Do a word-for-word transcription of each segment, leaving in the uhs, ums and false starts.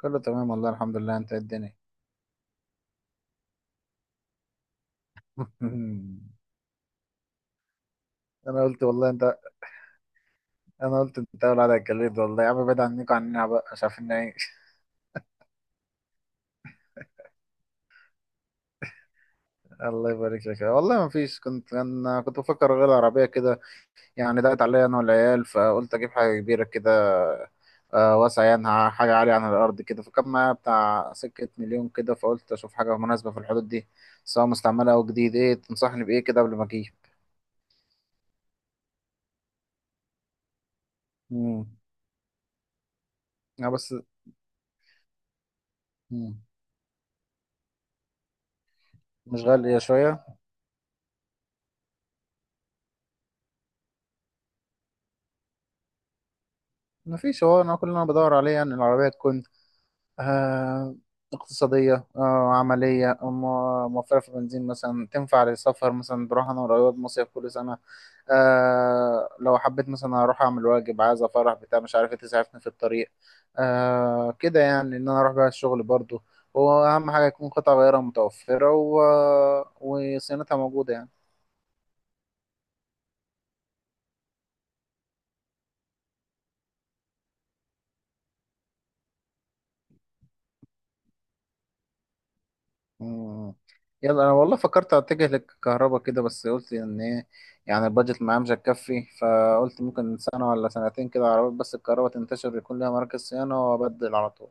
كله تمام والله الحمد لله. انت ايه الدنيا؟ انا قلت والله انت. انا قلت انت اول على الجليد والله يا عم، بعيد عنكم عننا بقى مش عارفين نعيش. الله يبارك لك والله. ما فيش، كنت انا كنت بفكر اغير العربيه كده. يعني ضاقت عليا انا والعيال، فقلت اجيب حاجه كبيره كده، آه، واسعه يعني، ح- حاجه عاليه عن الارض كده. فكان معايا بتاع سكه مليون كده، فقلت اشوف حاجه مناسبه في الحدود دي، سواء مستعمله او جديد. ايه تنصحني بايه كده قبل ما اجيب؟ امم اه بس. مم. مش غاليه شويه؟ ما فيش، هو انا كل اللي انا بدور عليه يعني العربيه تكون، آه، اقتصاديه، آه، عمليه، آه، موفره في البنزين مثلا، تنفع للسفر مثلا. بروح انا وقريب مصيف كل سنه. آه، لو حبيت مثلا اروح اعمل واجب، عايز افرح، بتاع مش عارف ايه، تسعفني في الطريق. آه كده، يعني ان انا اروح بيها الشغل برضو. واهم حاجه يكون قطع غيارها متوفره و... وصيانتها موجوده يعني. مم. يلا انا والله فكرت اتجه للكهرباء كده، بس قلت ان ايه، يعني البادجت معايا مش هتكفي. فقلت ممكن سنه ولا سنتين كده عربيات، بس الكهرباء تنتشر يكون لها مراكز صيانه وابدل على طول.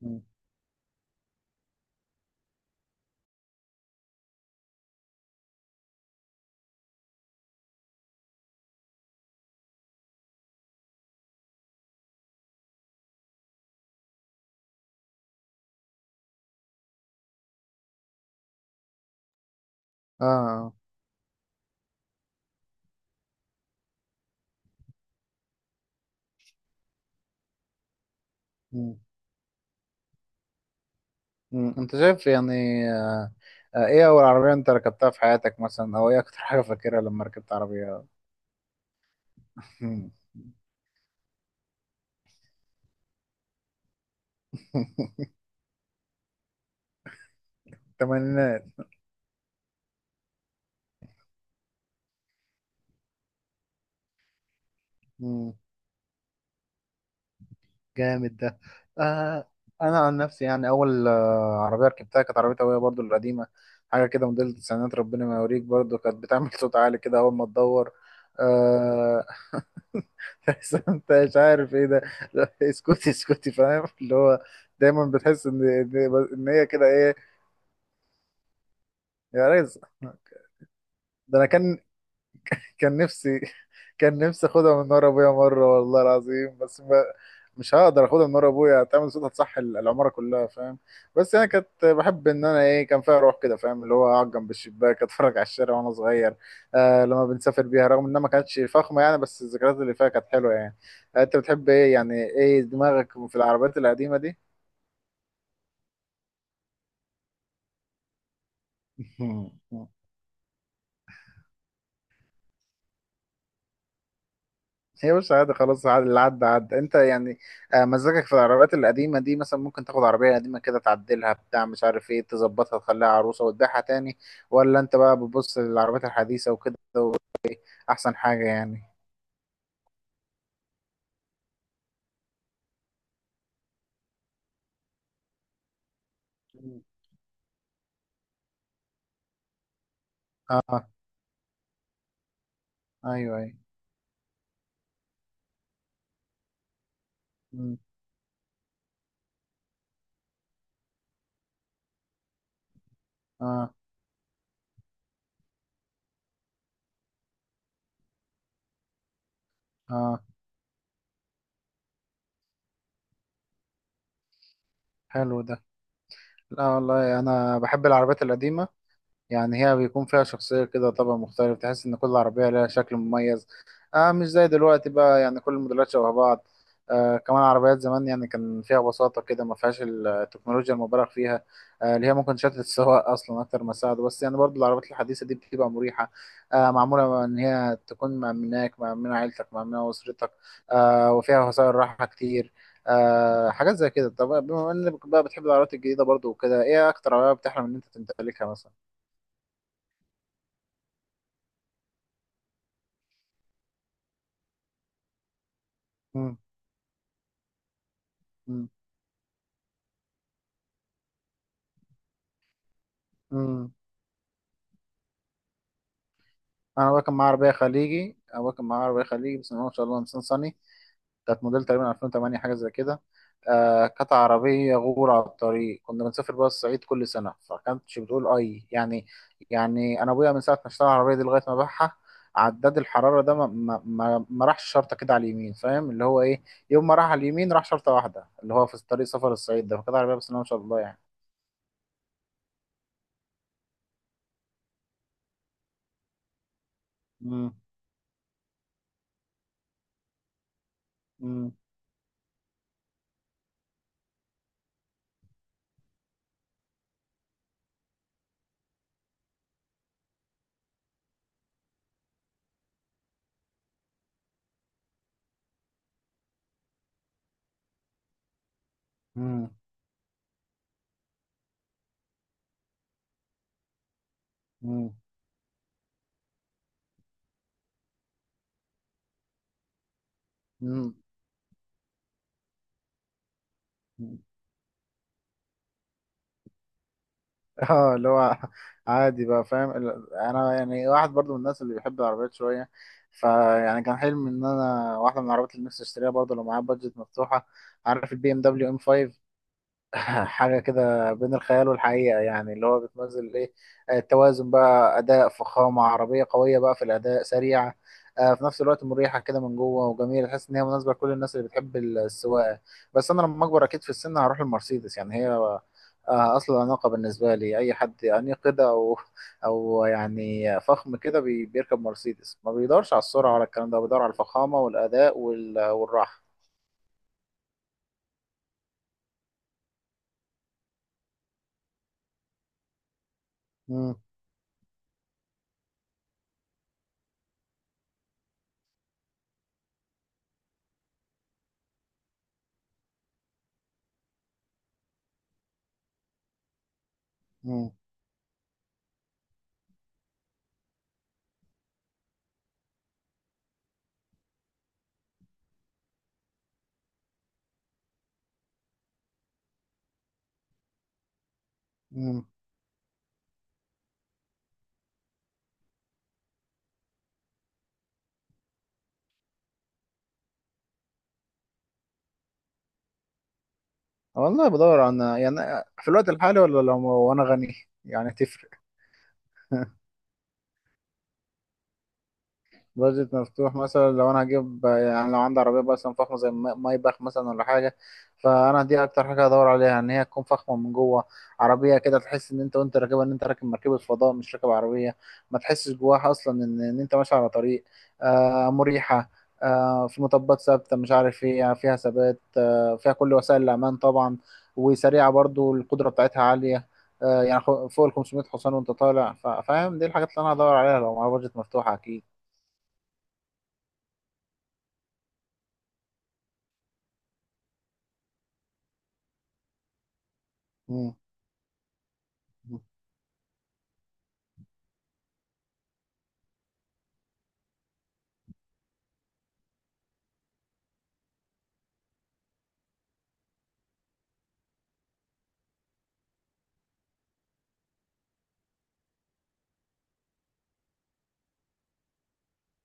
مم. اه. مم. مم. انت شايف يعني؟ آه. آه، ايه اول عربيه انت ركبتها في حياتك مثلا، او ايه اكتر حاجه فاكرها لما ركبت عربيه؟ مم. تمانينات. جامد ده. آه، انا عن نفسي يعني اول آه عربيه ركبتها كانت عربيه ابويا برضو القديمه. حاجه كده موديل التسعينات، ربنا ما يوريك، برضو كانت بتعمل صوت عالي كده اول ما تدور. آه. تحس انت مش عارف ايه ده. لا، اسكتي اسكتي، فاهم اللي هو، دايما بتحس ان ان إن هي كده ايه، يا ريس. ده انا كان، كان نفسي، كان نفسي اخدها من ورا ابويا مره والله العظيم، بس ما، مش هقدر اخدها من ورا ابويا، هتعمل صوت، هتصح ال- العماره كلها، فاهم. بس انا كنت بحب ان انا ايه، كان فيها روح كده، فاهم اللي هو اقعد جنب الشباك اتفرج على الشارع وانا صغير. آه، لما بنسافر بيها، رغم انها ما كانتش فخمه يعني، بس الذكريات اللي فيها كانت حلوه يعني. آه، انت بتحب ايه يعني، ايه دماغك في العربيات القديمه دي؟ هي مش عادي، خلاص، عاد- اللي عدى عدى انت يعني. آه، مزاجك في العربيات القديمة دي، مثلا ممكن تاخد عربية قديمة كده تعدلها، بتاع مش عارف ايه، تظبطها تخليها عروسة وتبيعها تاني، ولا انت بقى بتبص للعربيات الحديثة وكده احسن حاجة يعني؟ مم. اه. ايوه ايوه. مم. اه. اه. حلو ده. لا والله انا بحب العربيات القديمة، يعني هي بيكون فيها شخصية كده، طبع مختلف، تحس إن كل عربية لها شكل مميز. آه، مش زي دلوقتي بقى، يعني كل الموديلات شبه بعض. آه، كمان عربيات زمان يعني كان فيها بساطة كده، ما فيهاش التكنولوجيا المبالغ فيها. آه، اللي هي ممكن شتت السواق أصلا أكتر ما تساعده. بس يعني برضو العربيات الحديثة دي بتبقى مريحة. آه، معمولة إن هي تكون مأمناك، مأمنة عيلتك، مأمنة أسرتك. آه، وفيها وسائل راحة كتير. آه، حاجات زي كده. طب بما إنك بقى بتحب العربيات الجديدة برضو وكده، إيه أكتر عربية بتحلم إن أنت تمتلكها مثلا؟ مم. مم. انا ابويا كان معاه عربيه خليجي. ابويا كان معاه عربيه خليجي بس ما شاء الله، نيسان صني. كانت موديل تقريبا الفين وتمانية، حاجه زي كده. آه، كانت عربيه غور على الطريق. كنا بنسافر بقى الصعيد كل سنه، فكانتش بتقول اي يعني. يعني انا ابويا من ساعه ما اشترى العربيه دي لغايه ما باعها، عداد الحراره ده ما, ما, ما, ما راحش شرطه كده على اليمين، فاهم اللي هو ايه. يوم ما راح على اليمين راح شرطه واحده، اللي هو في طريق سفر الصعيد ده. فكانت عربيه بس ما شاء الله يعني. مم. مم. مم. مم. مم. اه، اللي هو عادي بقى، فاهم ال- انا يعني واحد برضو من الناس اللي بيحب العربيات شويه. فيعني كان حلمي ان انا واحده من العربيات اللي نفسي اشتريها برضو لو معايا بادجت مفتوحه، عارف البي ام دبليو ام خمسة؟ حاجة كده بين الخيال والحقيقة يعني، اللي هو بتمثل ايه، آه، التوازن بقى، أداء، فخامة، عربية قوية بقى في الأداء، سريعة، آه، في نفس الوقت مريحة كده من جوه، وجميلة، تحس إن هي مناسبة لكل الناس اللي بتحب السواقة. بس أنا لما أكبر أكيد في السن هروح للمرسيدس، يعني هي آه، أصل الأناقة بالنسبة لي. أي حد أنيق كده أو، أو يعني فخم كده، بي- بيركب مرسيدس. ما بيدورش على السرعة ولا الكلام ده، بيدور على الفخامة والأداء وال- والراحة. مم. مم. مم. والله بدور عن يعني، في الوقت الحالي ولا لو وانا غني؟ يعني تفرق. بادجت مفتوح مثلا، لو انا هجيب يعني لو عندي عربيه مثلا فخمه زي، ما- مايباخ مثلا ولا حاجه، فانا دي اكتر حاجه هدور عليها، ان هي تكون فخمه من جوه. عربيه كده تحس ان انت وانت راكبها ان انت راكب مركبه فضاء، مش راكب عربيه. ما تحسش جواها اصلا ان ان انت ماشي على طريق. آه، مريحه، آه، في مطبات ثابته، مش عارف ايه، يعني فيها ثبات، آه، فيها كل وسائل الامان طبعا. وسريعه برضو، القدره بتاعتها عاليه، آه، يعني خ- فوق ال خمسمية حصان وانت طالع، ف- فاهم. دي الحاجات اللي انا هدور عليها لو معايا بادجت مفتوحه اكيد. مم.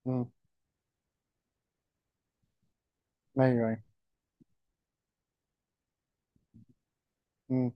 مم. ايوه ايوه. مم.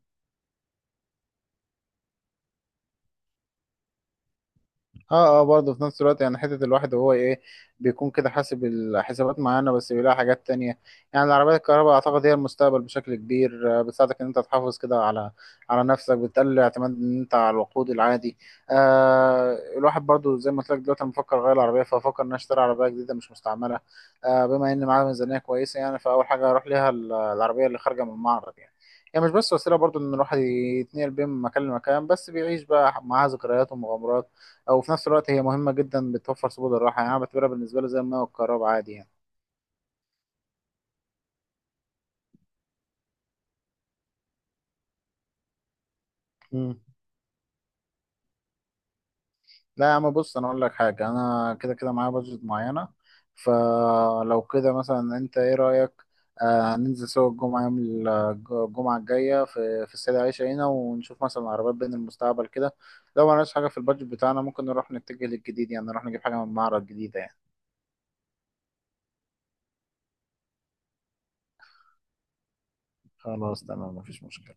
اه. اه، برضه في نفس الوقت يعني، حتة الواحد وهو ايه، بيكون كده حاسب الحسابات معانا بس بيلاقي حاجات تانية. يعني العربيات الكهرباء اعتقد هي المستقبل بشكل كبير. آه، بتساعدك ان انت تحافظ كده على على نفسك، بتقلل الاعتماد ان انت على الوقود العادي. آه، الواحد برضه زي ما قلت لك دلوقتي انا بفكر اغير العربية، فافكر ان أنا اشتري عربية جديدة مش مستعملة. آه، بما ان معايا ميزانية كويسة يعني، فاول حاجة هروح ليها ال- العربية اللي خارجة من المعرض يعني. هي يعني مش بس وسيلة برضه ان الواحد يتنقل بين مكان لمكان، بس بيعيش بقى معاها ذكريات ومغامرات. او في نفس الوقت هي مهمه جدا، بتوفر سبل الراحه يعني. انا بعتبرها بالنسبه لي زي الماء والكهرباء عادي يعني. مم. لا يا عم بص، انا اقول لك حاجه، انا كده كده معايا بادجت معينه. فلو كده مثلا، انت ايه رايك، آه ننزل سوا الجمعه يوم ال- آه، الجمعه الجايه في في السيده عائشه هنا، ونشوف مثلا عربيات بين المستقبل كده. لو ما لقاش حاجه في البادجت بتاعنا، ممكن نروح نتجه للجديد، يعني نروح نجيب حاجه من معرض جديده يعني. خلاص تمام، مفيش مشكله.